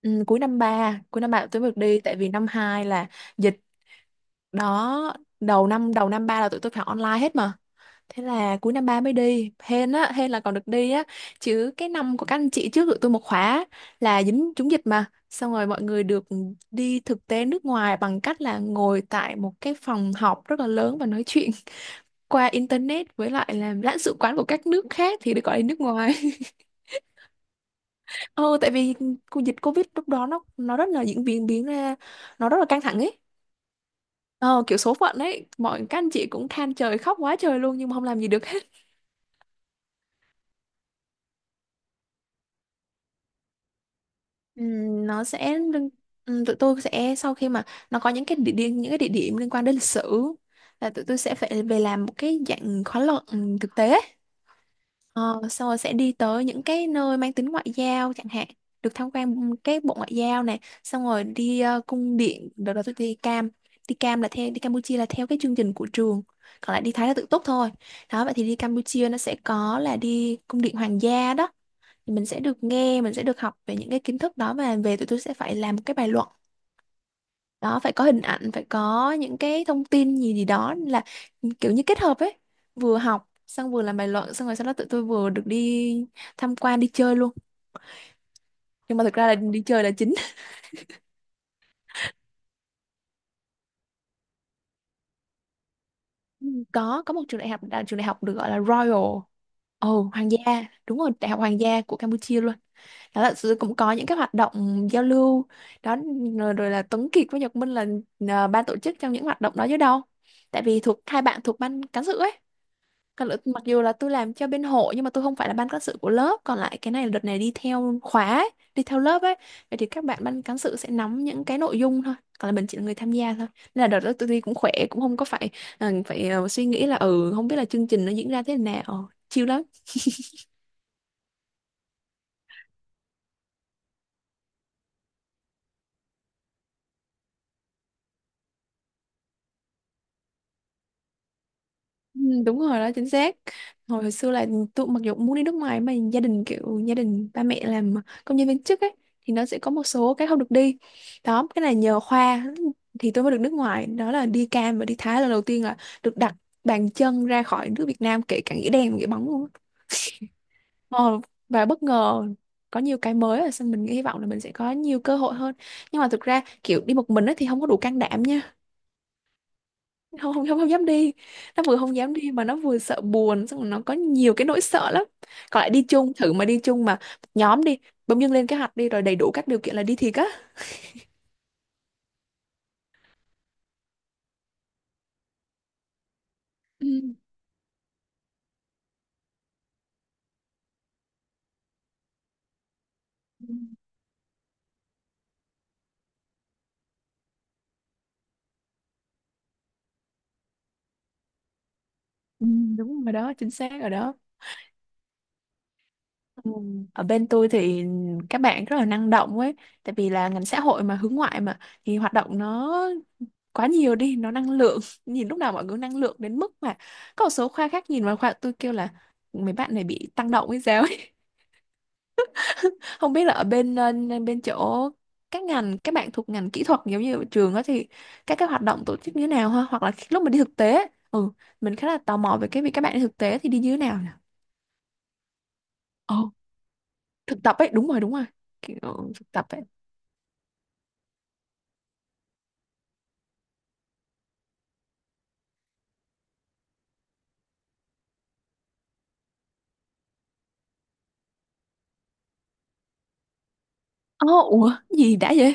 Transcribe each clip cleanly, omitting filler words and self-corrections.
Ừ, cuối năm ba tụi tôi được đi tại vì năm 2 là dịch đó, đầu năm ba là tụi tôi phải online hết mà. Thế là cuối năm 3 mới đi. Hên á, hên là còn được đi á. Chứ cái năm của các anh chị trước tụi tôi một khóa là dính trúng dịch mà. Xong rồi mọi người được đi thực tế nước ngoài bằng cách là ngồi tại một cái phòng họp rất là lớn và nói chuyện qua internet với lại làm lãnh sự quán của các nước khác thì được gọi là nước ngoài. Ừ, tại vì dịch Covid lúc đó nó rất là diễn biến biến ra nó rất là căng thẳng ấy. Ờ, kiểu số phận ấy, mọi các anh chị cũng than trời khóc quá trời luôn nhưng mà không làm gì được hết. Nó sẽ tụi tôi sẽ sau khi mà nó có những cái địa điểm liên quan đến lịch sử là tụi tôi sẽ phải về làm một cái dạng khóa luận thực tế. Ờ, xong rồi sẽ đi tới những cái nơi mang tính ngoại giao chẳng hạn, được tham quan cái bộ ngoại giao này, xong rồi đi cung điện. Đợt đó tôi đi Cam, đi Cam là theo đi Campuchia là theo cái chương trình của trường, còn lại đi Thái là tự túc thôi. Đó, vậy thì đi Campuchia nó sẽ có là đi cung điện hoàng gia đó, thì mình sẽ được nghe, mình sẽ được học về những cái kiến thức đó, và về tụi tôi sẽ phải làm một cái bài luận đó, phải có hình ảnh, phải có những cái thông tin gì gì đó, là kiểu như kết hợp ấy, vừa học xong vừa làm bài luận, xong rồi sau đó tụi tôi vừa được đi tham quan đi chơi luôn, nhưng mà thực ra là đi chơi là chính. Ừ, có một trường đại học là trường đại học được gọi là Royal, ồ hoàng gia, đúng rồi, đại học hoàng gia của Campuchia luôn. Đó là cũng có những cái hoạt động giao lưu đó. Rồi, rồi là Tuấn Kiệt với Nhật Minh là, à, ban tổ chức trong những hoạt động đó chứ đâu, tại vì thuộc hai bạn thuộc ban cán sự ấy. Mặc dù là tôi làm cho bên hội nhưng mà tôi không phải là ban cán sự của lớp, còn lại cái này là đợt này đi theo khóa ấy, đi theo lớp ấy, vậy thì các bạn ban cán sự sẽ nắm những cái nội dung thôi, còn là mình chỉ là người tham gia thôi, nên là đợt đó tôi đi cũng khỏe, cũng không có phải phải suy nghĩ là ừ không biết là chương trình nó diễn ra thế nào, chill lắm. Ừ, đúng rồi đó, chính xác. Hồi xưa là tôi mặc dù cũng muốn đi nước ngoài mà gia đình kiểu gia đình ba mẹ làm công nhân viên chức ấy, thì nó sẽ có một số cái không được đi đó. Cái này nhờ khoa thì tôi mới được nước ngoài đó, là đi Cam và đi Thái, lần đầu tiên là được đặt bàn chân ra khỏi nước Việt Nam, kể cả nghĩa đen nghĩa bóng luôn á. ờ, và bất ngờ có nhiều cái mới, là xong mình hy vọng là mình sẽ có nhiều cơ hội hơn, nhưng mà thực ra kiểu đi một mình ấy thì không có đủ can đảm nha. Không không không, Dám đi, nó vừa không dám đi mà nó vừa sợ buồn, xong rồi nó có nhiều cái nỗi sợ lắm. Còn lại đi chung, thử mà đi chung, mà nhóm đi, bỗng dưng lên cái hoạch đi rồi đầy đủ các điều kiện là đi thiệt á. Ừ. Ừ, ừ, đúng rồi đó, chính xác rồi đó. Ừ. Ở bên tôi thì các bạn rất là năng động ấy, tại vì là ngành xã hội mà hướng ngoại mà, thì hoạt động nó quá nhiều đi, nó năng lượng nhìn lúc nào mọi người năng lượng đến mức mà có một số khoa khác nhìn vào khoa tôi kêu là mấy bạn này bị tăng động hay sao ấy. Không biết là ở bên bên chỗ các ngành các bạn thuộc ngành kỹ thuật giống như ở trường đó, thì các cái hoạt động tổ chức như thế nào ha, hoặc là lúc mà đi thực tế ấy, ừ, mình khá là tò mò về cái việc các bạn đi thực tế thì đi như thế nào nhỉ. Ồ, thực tập ấy, đúng rồi đúng rồi. Kiểu, thực tập ấy. Ồ, ủa gì đã vậy.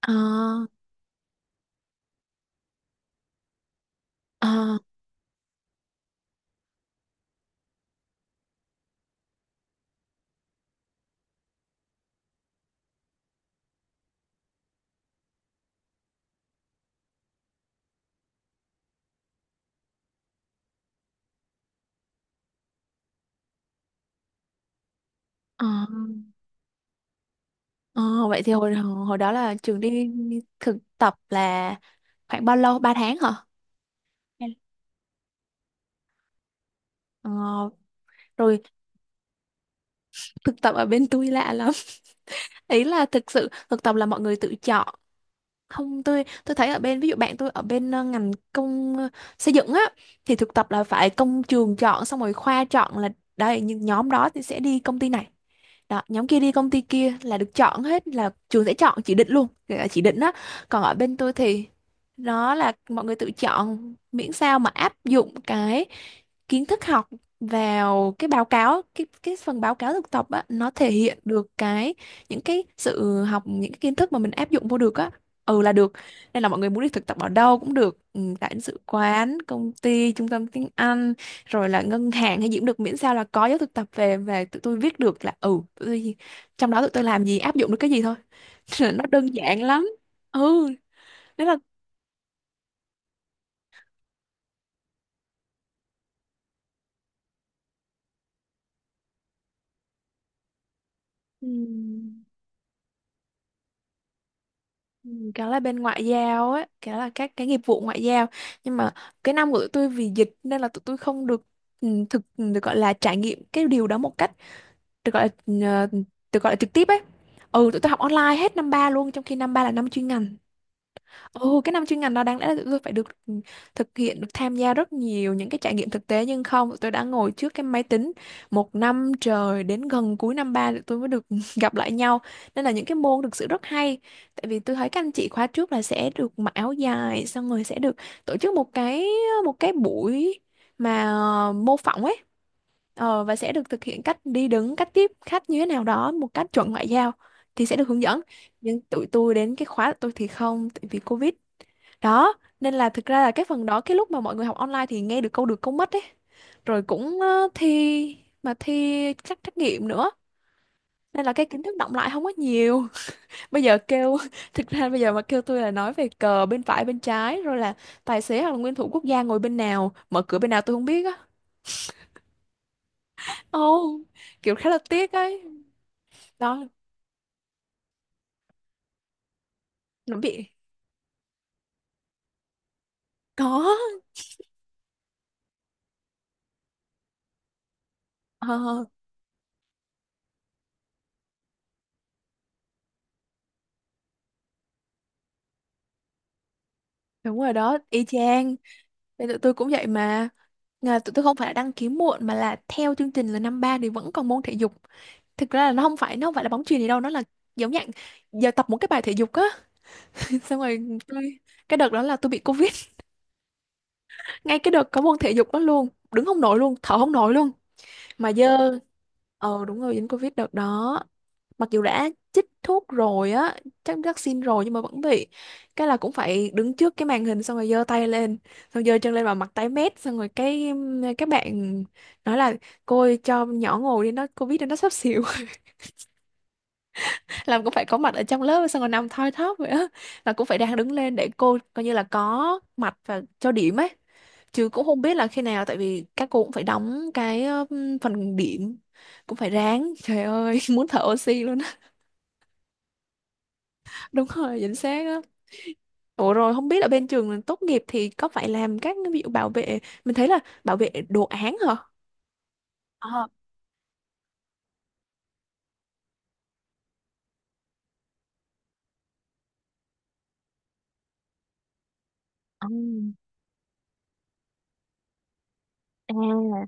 Ờ. Ờ. Ờ. Ờ. Vậy thì hồi hồi đó là trường đi, thực tập là khoảng bao lâu, ba tháng hả? Hay- ờ, rồi, thực tập ở bên tôi lạ lắm. Ý là thực sự thực tập là mọi người tự chọn. Không, tôi thấy ở bên, ví dụ bạn tôi ở bên ngành công xây dựng á, thì thực tập là phải công trường chọn xong rồi khoa chọn, là đây những nhóm đó thì sẽ đi công ty này đó, nhóm kia đi công ty kia, là được chọn hết, là trường sẽ chọn chỉ định luôn. Gọi là chỉ định á. Còn ở bên tôi thì nó là mọi người tự chọn, miễn sao mà áp dụng cái kiến thức học vào cái báo cáo, cái phần báo cáo thực tập á, nó thể hiện được cái những cái sự học, những cái kiến thức mà mình áp dụng vô được á, ừ, là được. Nên là mọi người muốn đi thực tập ở đâu cũng được, ừ, lãnh sự quán, công ty, trung tâm tiếng Anh, rồi là ngân hàng hay gì cũng được, miễn sao là có giáo thực tập về, tụi tôi viết được là ừ tụi tôi trong đó tụi tôi làm gì, áp dụng được cái gì thôi. Nó đơn giản lắm. Ừ, đấy là ừ. Ừ, Kéo là bên ngoại giao ấy, kéo là các cái nghiệp vụ ngoại giao. Nhưng mà cái năm của tụi tôi vì dịch nên là tụi tôi không được được gọi là trải nghiệm cái điều đó một cách được gọi là được gọi là trực tiếp ấy. Ừ, tụi tôi học online hết năm 3 luôn, trong khi năm 3 là năm chuyên ngành. Ồ, cái năm chuyên ngành đó đáng lẽ là tụi tôi phải được thực hiện, được tham gia rất nhiều những cái trải nghiệm thực tế, nhưng không, tụi tôi đã ngồi trước cái máy tính một năm trời, đến gần cuối năm ba tụi tôi mới được gặp lại nhau. Nên là những cái môn thực sự rất hay. Tại vì tôi thấy các anh chị khóa trước là sẽ được mặc áo dài, xong rồi sẽ được tổ chức một cái, một cái buổi mà, mô phỏng ấy. Ờ, và sẽ được thực hiện cách đi đứng, cách tiếp khách như thế nào đó, một cách chuẩn ngoại giao thì sẽ được hướng dẫn. Nhưng tụi tôi đến cái khóa của tôi thì không, tại vì Covid đó, nên là thực ra là cái phần đó, cái lúc mà mọi người học online thì nghe được câu mất ấy. Rồi cũng thi mà thi các trắc nghiệm nữa. Nên là cái kiến thức đọng lại không có nhiều. Bây giờ kêu thực ra bây giờ mà kêu tôi là nói về cờ bên phải bên trái rồi là tài xế hoặc là nguyên thủ quốc gia ngồi bên nào, mở cửa bên nào, tôi không biết á. Ồ, kiểu khá là tiếc ấy. Đó, nó bị có. Ờ. Đúng rồi đó, y chang. Nên tụi tôi cũng vậy mà. Là tụi tôi không phải là đăng ký muộn, mà là theo chương trình là năm ba thì vẫn còn môn thể dục. Thực ra là nó không phải là bóng chuyền gì đâu, nó là giống dạng giờ tập một cái bài thể dục á. Xong rồi tôi, cái đợt đó là tôi bị Covid. Ngay cái đợt có môn thể dục đó luôn, đứng không nổi luôn, thở không nổi luôn. Mà dơ. Ờ đúng rồi, dính Covid đợt đó. Mặc dù đã chích thuốc rồi á, chắc vaccine rồi nhưng mà vẫn bị. Cái là cũng phải đứng trước cái màn hình xong rồi giơ tay lên, xong giơ chân lên và mặt tái mét, xong rồi cái các bạn nói là: cô ơi, cho nhỏ ngồi đi, nó covid biết nó sắp xỉu. Làm cũng phải có mặt ở trong lớp xong rồi nằm thoi thóp vậy á, là cũng phải đang đứng lên để cô coi như là có mặt và cho điểm ấy, chứ cũng không biết là khi nào tại vì các cô cũng phải đóng cái phần điểm, cũng phải ráng, trời ơi muốn thở oxy luôn á. Đúng rồi chính xác á. Ủa rồi không biết là bên trường tốt nghiệp thì có phải làm các cái ví dụ bảo vệ, mình thấy là bảo vệ đồ án hả? Ờ, ừ, à,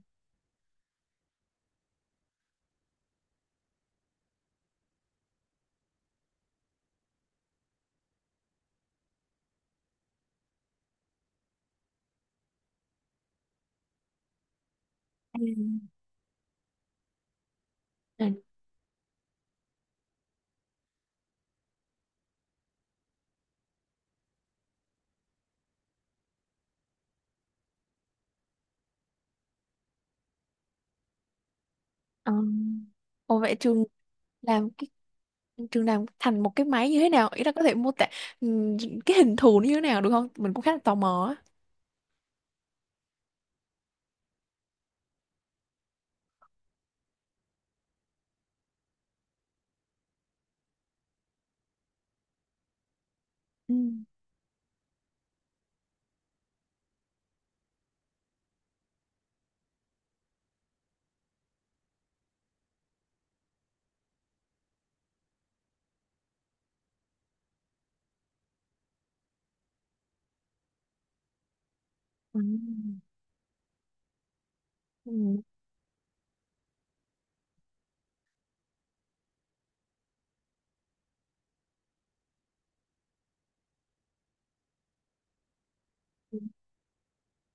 ừ, ừ. Ủa vậy làm cái trường làm thành một cái máy như thế nào? Ý là có thể mô tả ừm, cái hình thù nó như thế nào được không? Mình cũng khá là tò mò á. Ừ, ừ, ừ,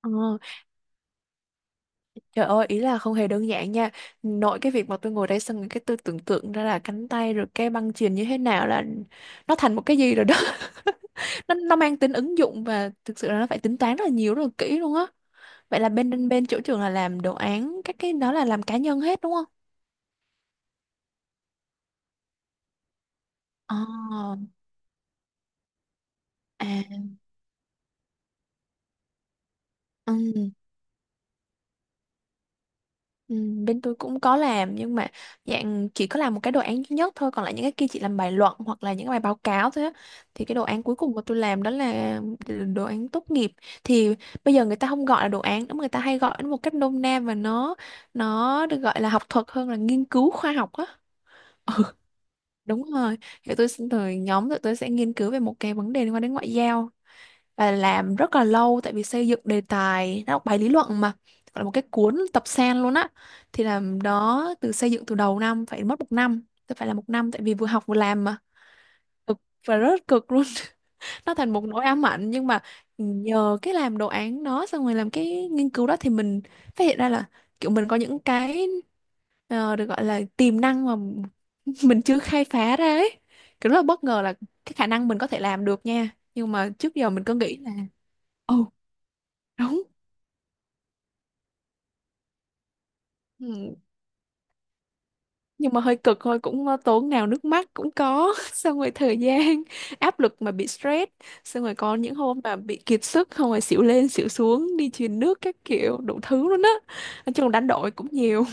ờ. Trời ơi, ý là không hề đơn giản nha. Nội cái việc mà tôi ngồi đây xong rồi cái tôi tưởng tượng ra là cánh tay rồi cái băng chuyền như thế nào là nó thành một cái gì rồi đó. Nó mang tính ứng dụng và thực sự là nó phải tính toán rất là nhiều rất là kỹ luôn á. Vậy là bên bên chỗ trường là làm đồ án các cái đó là làm cá nhân hết đúng không? Ờ, à, ừ. Ừ, bên tôi cũng có làm nhưng mà dạng chỉ có làm một cái đồ án duy nhất thôi, còn lại những cái kia chỉ làm bài luận hoặc là những cái bài báo cáo thôi á. Thì cái đồ án cuối cùng mà tôi làm đó là đồ án tốt nghiệp, thì bây giờ người ta không gọi là đồ án nữa mà người ta hay gọi nó một cách nôm na, và nó được gọi là học thuật hơn là nghiên cứu khoa học á. Đúng rồi. Rồi nhóm tụi tôi sẽ nghiên cứu về một cái vấn đề liên quan đến ngoại giao, và làm rất là lâu tại vì xây dựng đề tài nó bài lý luận mà, gọi là một cái cuốn tập sen luôn á. Thì làm đó từ xây dựng từ đầu năm phải mất một năm, tôi phải là một năm tại vì vừa học vừa làm mà, cực và rất cực luôn, nó thành một nỗi ám ảnh. Nhưng mà nhờ cái làm đồ án đó xong rồi làm cái nghiên cứu đó thì mình phát hiện ra là kiểu mình có những cái được gọi là tiềm năng mà mình chưa khai phá ra ấy. Kiểu rất là bất ngờ là cái khả năng mình có thể làm được nha, nhưng mà trước giờ mình cứ nghĩ là ồ đúng. Ừ, nhưng mà hơi cực thôi cũng tốn nào nước mắt cũng có xong rồi thời gian áp lực mà bị stress, xong rồi có những hôm mà bị kiệt sức không rồi xỉu lên xỉu xuống đi truyền nước các kiểu đủ thứ luôn á, nói chung đánh đổi cũng nhiều.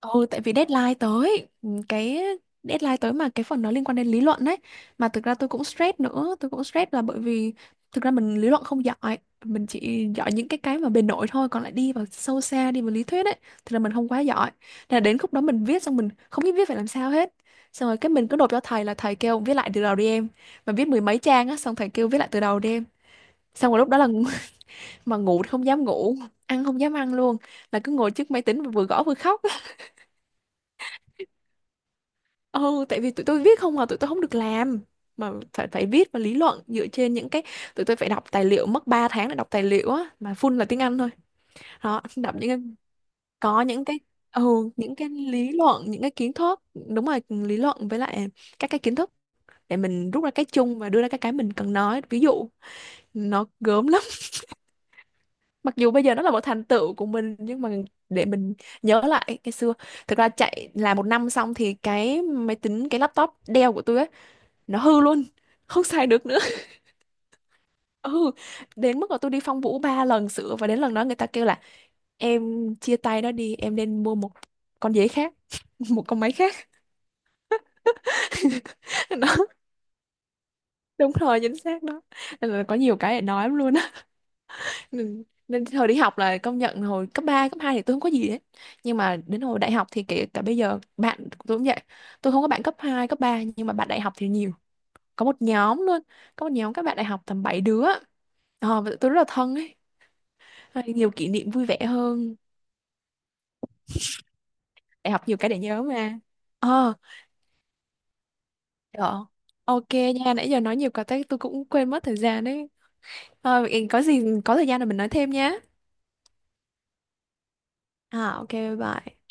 Ừ, tại vì deadline tới, ừ, cái deadline tới mà cái phần nó liên quan đến lý luận đấy. Mà thực ra tôi cũng stress nữa, tôi cũng stress là bởi vì thực ra mình lý luận không giỏi, mình chỉ giỏi những cái mà bề nổi thôi, còn lại đi vào sâu xa, đi vào lý thuyết ấy, thì là mình không quá giỏi. Thế là đến khúc đó mình viết xong mình không biết viết phải làm sao hết. Xong rồi cái mình cứ nộp cho thầy là thầy kêu viết lại từ đầu đi em. Mà viết mười mấy trang á, xong thầy kêu viết lại từ đầu đi em. Xong rồi lúc đó là mà ngủ thì không dám ngủ, ăn không dám ăn luôn, là cứ ngồi trước máy tính vừa gõ vừa khóc. Ừ, tại vì tụi tôi viết không à, tụi tôi không được làm mà phải phải viết và lý luận dựa trên những cái, tụi tôi phải đọc tài liệu mất 3 tháng để đọc tài liệu á mà full là tiếng Anh thôi. Đó, đọc những cái có những cái ừ, những cái lý luận, những cái kiến thức, đúng rồi, lý luận với lại các cái kiến thức để mình rút ra cái chung và đưa ra cái mình cần nói. Ví dụ nó gớm lắm. Mặc dù bây giờ nó là một thành tựu của mình nhưng mà để mình nhớ lại cái xưa, thực ra chạy làm một năm xong thì cái máy tính cái laptop Dell của tôi ấy nó hư luôn, không xài được nữa. Ừ, đến mức mà tôi đi Phong Vũ ba lần sửa và đến lần đó người ta kêu là em chia tay nó đi em, nên mua một con dế khác, một con máy khác. Đó, đúng rồi chính xác đó. Nên là có nhiều cái để nói lắm luôn á. Nên hồi đi học là công nhận hồi cấp 3 cấp 2 thì tôi không có gì hết, nhưng mà đến hồi đại học thì kể cả bây giờ bạn của tôi cũng vậy, tôi không có bạn cấp 2 cấp 3 nhưng mà bạn đại học thì nhiều, có một nhóm luôn, có một nhóm các bạn đại học tầm 7 đứa. Ờ, và tụi tôi rất là thân ấy, hay nhiều kỷ niệm vui vẻ hơn, để học nhiều cái để nhớ mà. Ờ, ờ, ok nha, nãy giờ nói nhiều quá tới tôi cũng quên mất thời gian đấy. Ờ, có gì có thời gian là mình nói thêm nhé. À ok, bye bye.